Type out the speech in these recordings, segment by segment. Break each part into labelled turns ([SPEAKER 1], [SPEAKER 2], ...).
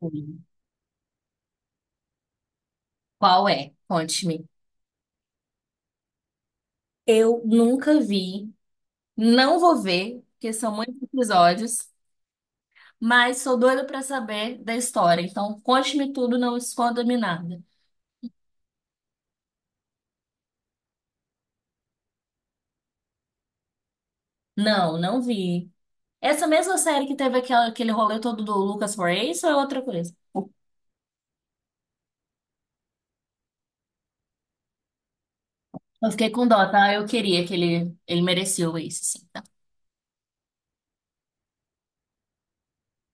[SPEAKER 1] Sim. Qual é? Conte-me. Eu nunca vi, não vou ver, porque são muitos episódios, mas sou doida pra saber da história. Então, conte-me tudo, não esconda-me nada. Não, não vi. Essa mesma série que teve aquele rolê todo do Lucas for Ace ou é outra coisa? Eu fiquei com dó, tá? Eu queria que ele merecia o Ace, sim, tá?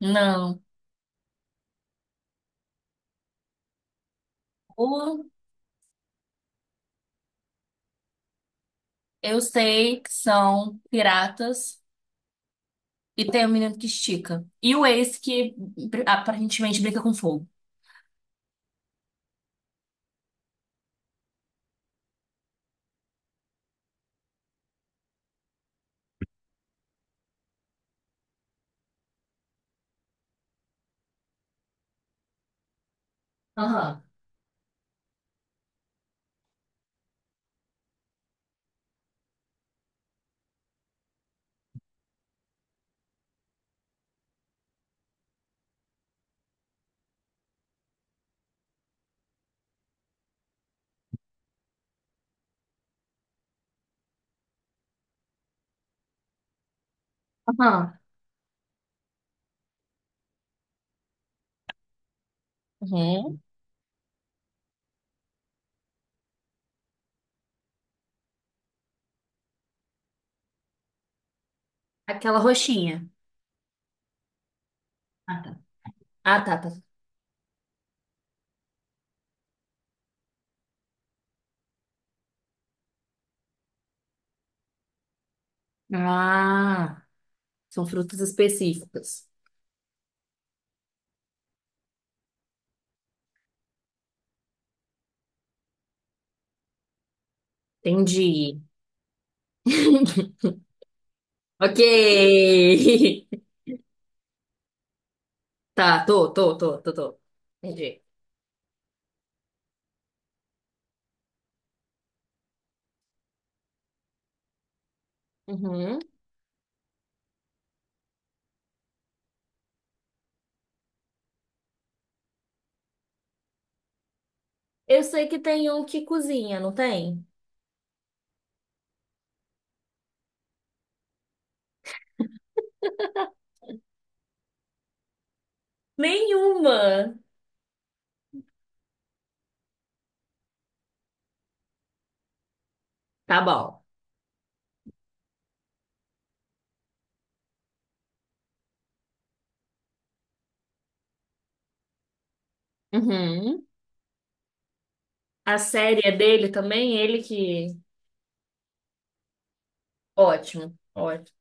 [SPEAKER 1] Não. O, eu sei que são piratas e tem um menino que estica. E o Ace que aparentemente brinca com fogo. Aham. Aham. Uhum. Aquela roxinha. Ah, tá. Ah, tá, tá. Ah, são frutas específicas. Entendi. Ok. Tá, tô, tô, tô, tô, tô. Entendi. Uhum. Eu sei que tem um que cozinha, não tem? Nenhuma. Tá bom. Uhum. A série é dele também, ele que. Ótimo, ótimo.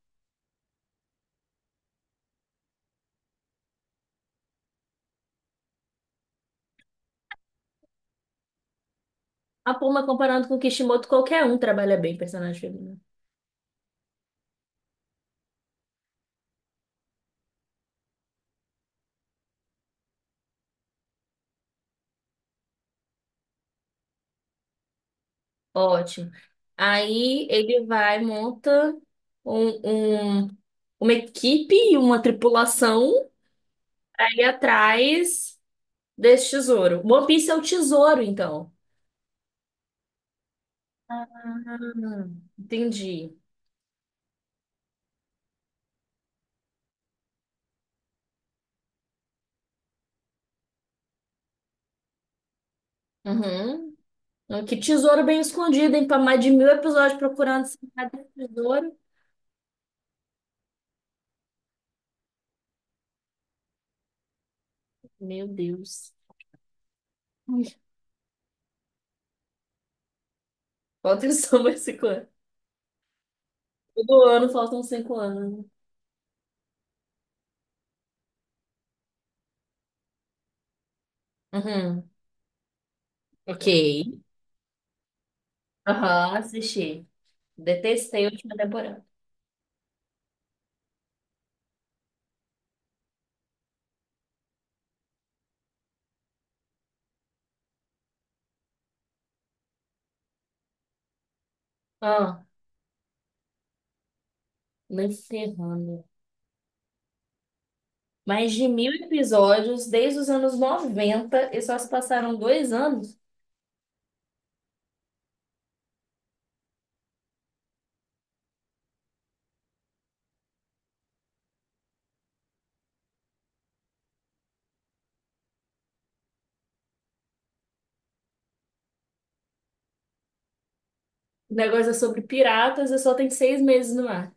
[SPEAKER 1] A Puma, comparando com o Kishimoto, qualquer um trabalha bem personagem feminino. Ótimo. Aí ele vai, monta um, um- uma equipe e uma tripulação aí atrás desse tesouro. One Piece é o tesouro, então. Entendi. Uhum. Que tesouro bem escondido, hein? Para mais de 1.000 episódios procurando esse cadê o tesouro. Meu Deus. Falta só mais 5 anos. Todo ano faltam 5 anos. Uhum. Ok. Aham, assisti. Detestei a última temporada. Ah. Nem ferrando. Mais de mil episódios desde os anos 90 e só se passaram 2 anos. O negócio é sobre piratas e só tem 6 meses no ar.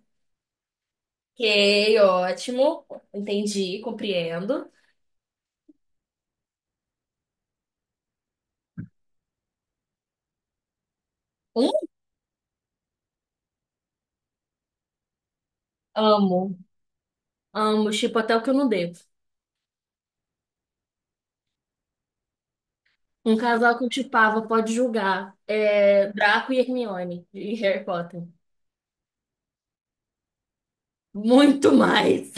[SPEAKER 1] Ok, ótimo. Entendi, compreendo. Um, Amo. Amo, shippo até o que eu não devo. Um casal que eu chipava, pode julgar: é Draco e Hermione, de Harry Potter. Muito mais.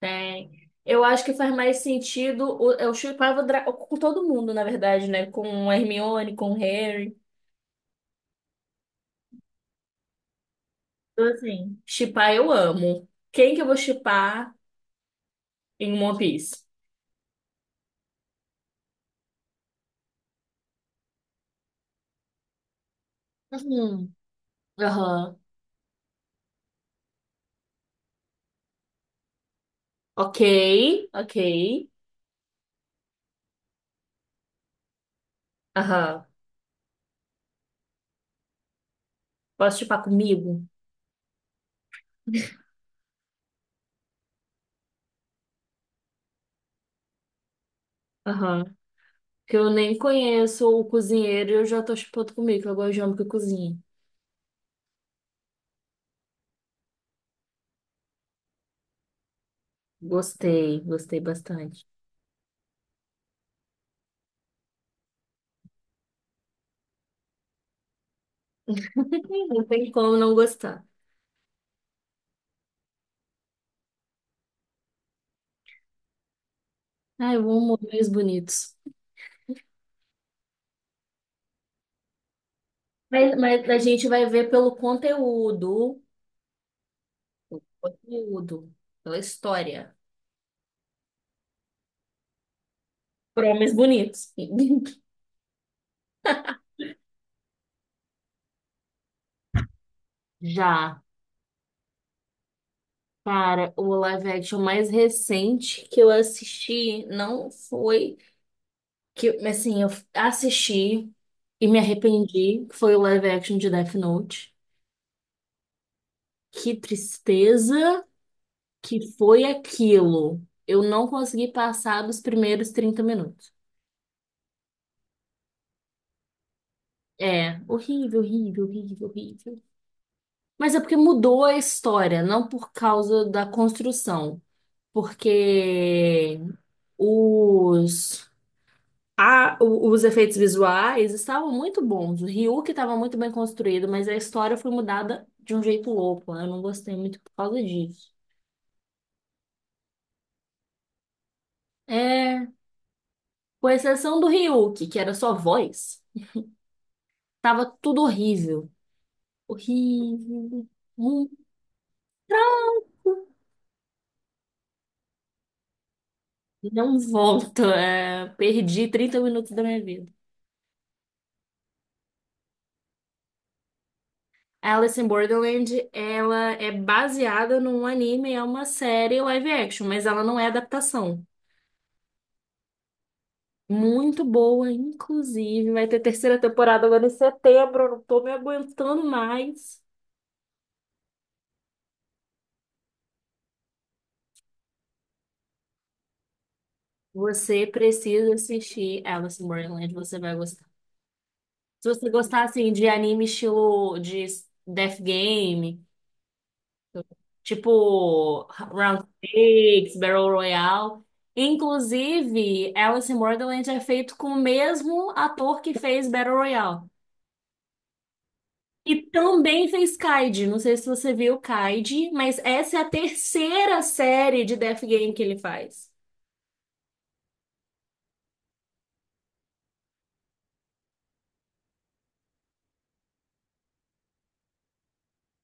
[SPEAKER 1] Tem. Eu acho que faz mais sentido. Eu chipava Draco com todo mundo, na verdade, né? Com a Hermione, com o Harry. Então, assim, shippar eu amo. Quem que eu vou shippar em One Piece? Uhum. Aham. Ok, ok. Aham. Posso shippar comigo? Aham. Que eu nem conheço o cozinheiro e eu já tô shippando comigo, que eu gosto de homem que cozinha. Gostei, gostei bastante. Não tem como não gostar. Ai, eu amo homens bonitos. Mas a gente vai ver pelo conteúdo, pela história. Por homens bonitos. Já. Cara, o live action mais recente que eu assisti não foi que, assim, eu assisti e me arrependi, que foi o live action de Death Note. Que tristeza que foi aquilo. Eu não consegui passar dos primeiros 30 minutos. É, horrível, horrível, horrível, horrível. Mas é porque mudou a história, não por causa da construção. Porque os os efeitos visuais estavam muito bons. O Ryuk estava muito bem construído, mas a história foi mudada de um jeito louco. Eu não gostei muito por causa disso. É, com exceção do Ryuk, que era só voz, tava tudo horrível. Horrível. Hum, Não volto. É, perdi 30 minutos da minha vida. Alice in Borderland, ela é baseada num anime, é uma série live action, mas ela não é adaptação. Muito boa, inclusive. Vai ter terceira temporada agora em setembro. Eu não tô me aguentando mais. Você precisa assistir Alice in Borderland, você vai gostar. Se você gostar, assim, de anime estilo de Death Game, tipo Round Six, Battle Royale. Inclusive, Alice in Borderland é feito com o mesmo ator que fez Battle Royale. E também fez Kaid. Não sei se você viu Kaid, mas essa é a terceira série de Death Game que ele faz.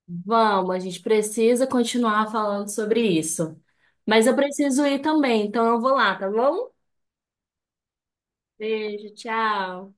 [SPEAKER 1] Vamos, a gente precisa continuar falando sobre isso. Mas eu preciso ir também, então eu vou lá, tá bom? Beijo, tchau.